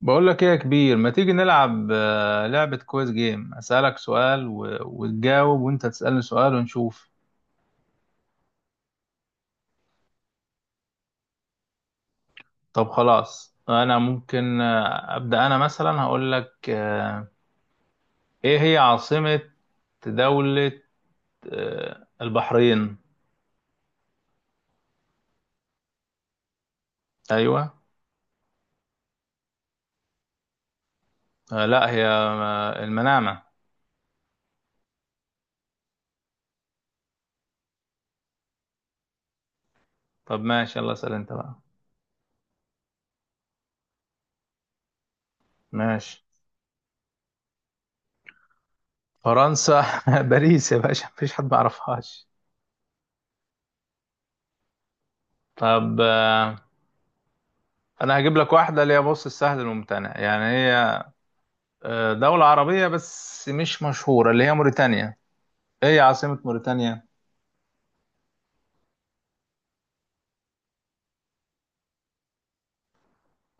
بقول لك ايه يا كبير، ما تيجي نلعب لعبة كويس جيم؟ اسألك سؤال وتجاوب، وانت تسألني سؤال ونشوف. طب خلاص، انا ممكن ابدأ. انا مثلا هقول لك ايه هي عاصمة دولة البحرين؟ ايوه. لا، هي المنامة. طب ماشي، يلا اسأل انت بقى. ماشي. فرنسا باريس يا باشا، مفيش حد ما يعرفهاش. طب انا هجيب لك واحدة اللي هي، بص، السهل الممتنع. يعني هي دولة عربية بس مش مشهورة، اللي هي موريتانيا. ايه هي عاصمة موريتانيا؟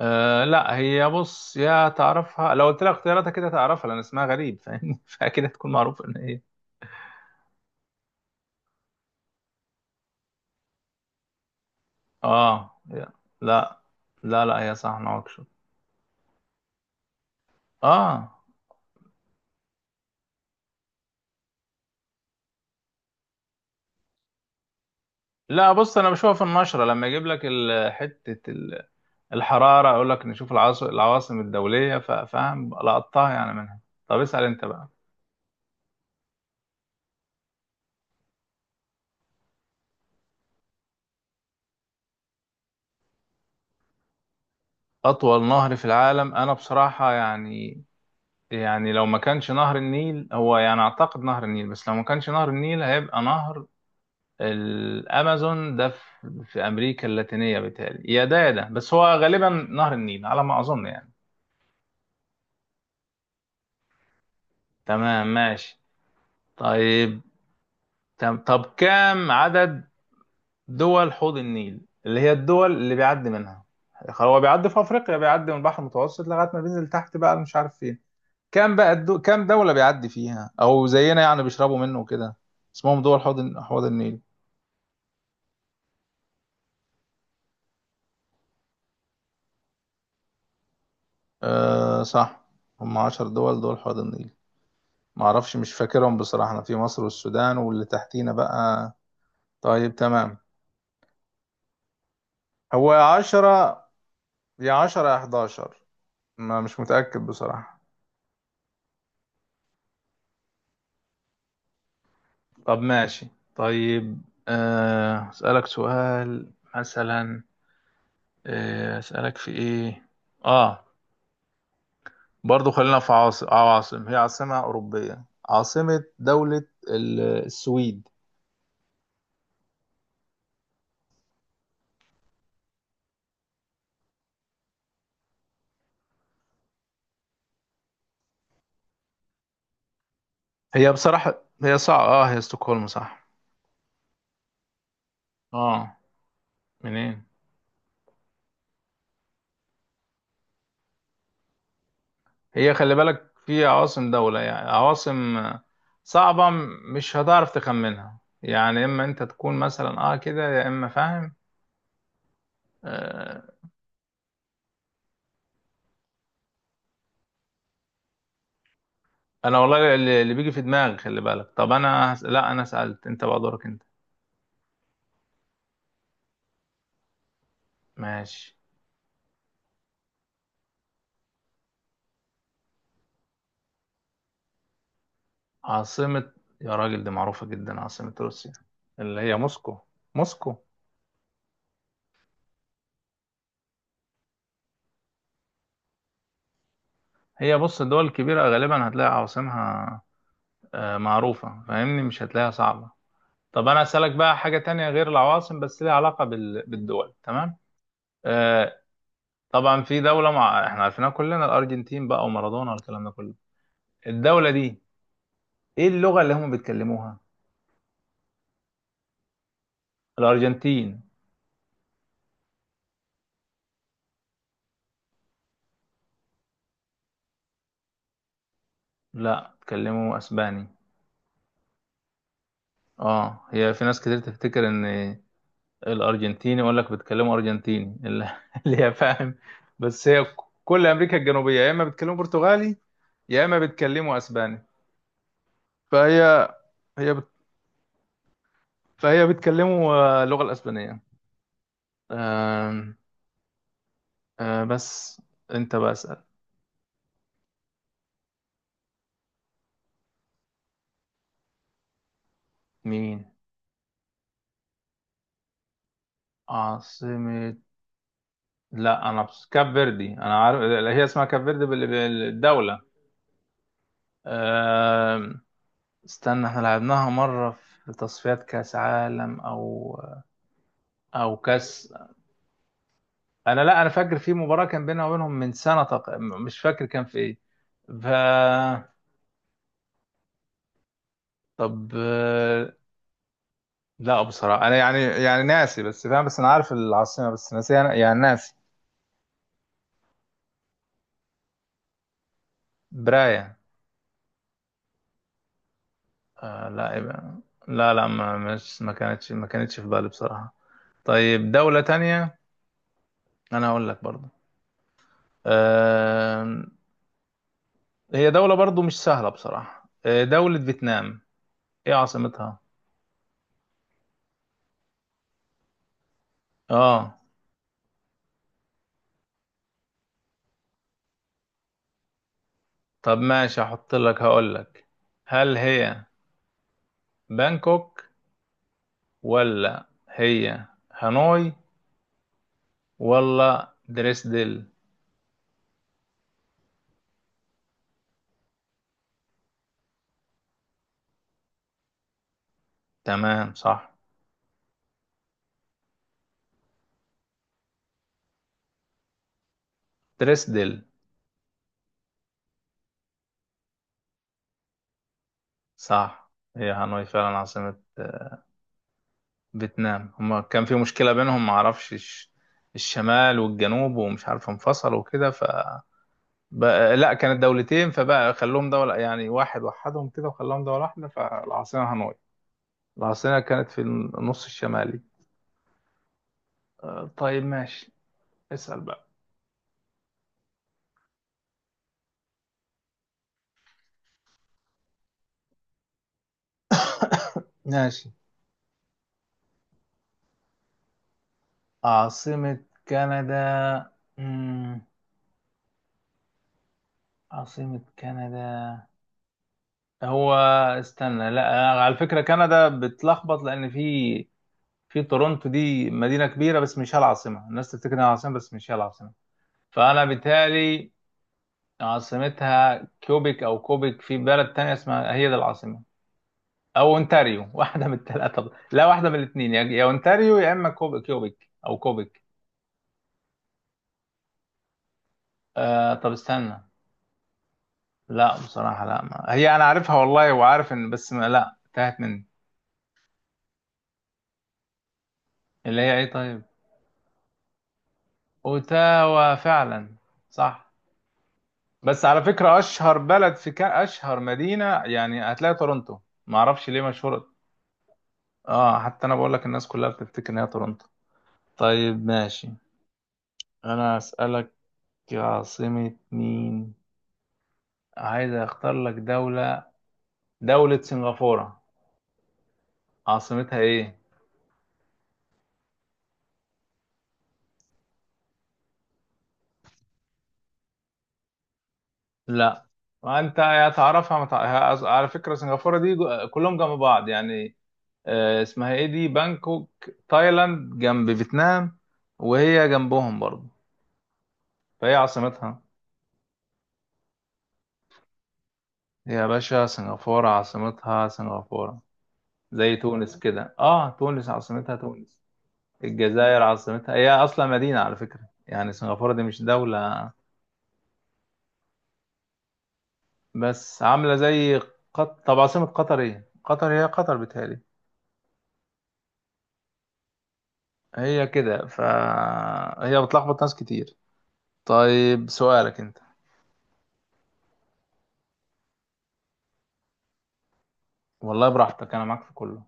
لا، هي بص، يا تعرفها لو قلت لها اختياراتها كده تعرفها لان اسمها غريب، فاهمني فاكيد هتكون معروفة ان هي. اه هي- لا لا لا، هي صح، نواكشوط. اه لا بص، انا بشوفها في النشرة لما يجيب لك حتة الحرارة، اقول لك نشوف العواصم الدولية، فاهم لقطتها يعني منها. طب اسأل انت بقى. اطول نهر في العالم، انا بصراحة يعني لو ما كانش نهر النيل هو، يعني اعتقد نهر النيل، بس لو ما كانش نهر النيل هيبقى نهر الامازون، ده في امريكا اللاتينيه، بالتالي يا ده يا ده، بس هو غالبا نهر النيل على ما اظن يعني. تمام ماشي. طيب. طب كام عدد دول حوض النيل، اللي هي الدول اللي بيعدي منها. هو بيعدي في افريقيا، بيعدي من البحر المتوسط لغايه ما بينزل تحت، بقى مش عارف فين. كام بقى كام دوله بيعدي فيها او زينا، يعني بيشربوا منه وكده. اسمهم دول حوض النيل. أه صح. هم 10 دول دول حوض النيل. معرفش، مش فاكرهم بصراحة. أنا في مصر والسودان واللي تحتينا بقى. طيب تمام. هو يا 10 يا 11. ما مش متأكد بصراحة. طب ماشي. طيب. أسألك سؤال مثلا. أسألك في إيه، آه برضو خلينا في عواصم. هي عاصمة أوروبية، عاصمة دولة السويد. هي بصراحة هي صعبة، هي ستوكهولم، صح. آه منين؟ هي خلي بالك، في عواصم دولة يعني، عواصم صعبة، مش هتعرف تخمنها يعني، اما انت تكون مثلا كده يا اما فاهم. آه انا والله، اللي بيجي في دماغي خلي بالك. طب انا لا، انا سألت، انت بقى دورك انت. ماشي. عاصمة يا راجل، دي معروفة جدا، عاصمة روسيا اللي هي موسكو. موسكو. هي بص، الدول الكبيرة غالبا هتلاقي عواصمها معروفة، فاهمني، مش هتلاقيها صعبة. طب انا اسالك بقى حاجه تانية غير العواصم، بس ليها علاقه بالدول، تمام. آه طبعا في احنا عارفينها كلنا، الارجنتين بقى، ومارادونا والكلام ده كله. الدوله دي، ايه اللغه اللي هم بيتكلموها؟ الارجنتين. لا، بيتكلموا اسباني. اه هي في ناس كتير تفتكر ان الارجنتيني يقول لك بيتكلموا ارجنتيني اللي هي فاهم. بس هي كل امريكا الجنوبيه يا اما بيتكلموا برتغالي، يا اما بيتكلموا اسباني. فهي هي بت... فهي بيتكلموا اللغه الاسبانيه. آم، بس انت بسأل. مين؟ عاصمة لا، انا بس كاب فيردي انا عارف. هي اسمها كاب فيردي بالدولة. آم، استنى، احنا لعبناها مرة في تصفيات كاس عالم، او كاس. انا، لا انا فاكر في مباراة كان بينها وبينهم من سنة مش فاكر كان في ايه ف طب لا بصراحة، انا يعني ناسي، بس فاهم، بس انا عارف العاصمة بس ناسي يعني، ناسي. براية؟ لا، يبقى. لا لا، ما كانتش في بالي بصراحة. طيب دولة تانية. أنا هقول لك برضو، آه هي دولة برضو مش سهلة بصراحة، دولة فيتنام. إيه عاصمتها؟ آه طب ماشي، هحط لك، هقول لك. هل هي بانكوك، ولا هي هانوي، ولا دريسدل؟ تمام صح. دريسدل صح، هي هانوي فعلا عاصمة فيتنام. هما كان في مشكلة بينهم، معرفش الشمال والجنوب، ومش عارف انفصلوا وكده، بقى، لا كانت دولتين، فبقى خلوهم دولة، يعني واحد، وحدهم كده وخلاهم دولة واحدة، فالعاصمة هانوي. العاصمة كانت في النص الشمالي. طيب ماشي، اسأل بقى. ماشي. عاصمة كندا. مم. عاصمة كندا. هو استنى، لا على فكرة كندا بتلخبط، لأن في تورونتو، دي مدينة كبيرة بس مش هي العاصمة، الناس تفتكر انها العاصمة بس مش هي العاصمة. فأنا بالتالي عاصمتها كيوبيك أو كوبيك، في بلد تانية اسمها، هي دي العاصمة، أو أونتاريو واحدة من الثلاثة، لا واحدة من الاثنين، يا أونتاريو يا إما كيوبيك أو كوبيك. طب استنى، لا بصراحة لا ما. هي أنا عارفها والله، وعارف إن، بس ما لا تاهت مني. اللي هي إيه؟ طيب. أوتاوا فعلا، صح. بس على فكرة أشهر بلد في أشهر مدينة يعني هتلاقي تورنتو. معرفش ليه مشهورة. حتى أنا بقول لك، الناس كلها بتفتكر إن هي تورنتو. طيب ماشي. أنا أسألك عاصمة مين، عايز أختار لك دولة، دولة سنغافورة، عاصمتها إيه؟ لا. وأنت يا تعرفها ما على فكرة سنغافورة دي كلهم جنب بعض يعني. اسمها إيه دي، بانكوك تايلاند جنب فيتنام، وهي جنبهم برضه، فهي عاصمتها. يا باشا سنغافورة عاصمتها سنغافورة، زي تونس كده، تونس عاصمتها تونس. الجزائر عاصمتها، هي اصلا مدينة على فكرة، يعني سنغافورة دي مش دولة بس عاملة زي طب عاصمة قطر ايه، قطر هي قطر بتهيألي، هي كده، فهي بتلخبط ناس كتير. طيب، سؤالك انت. والله براحتك، انا معاك في كله.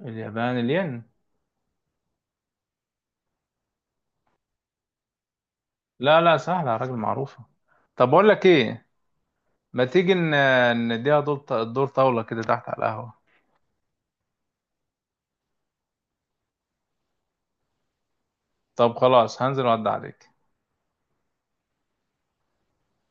اليابان، الين. لا لا، سهلة يا راجل، معروفة. طب بقول لك ايه، ما تيجي نديها دور، الدور طاولة كده تحت على القهوة. طب خلاص، هنزل وعد عليك.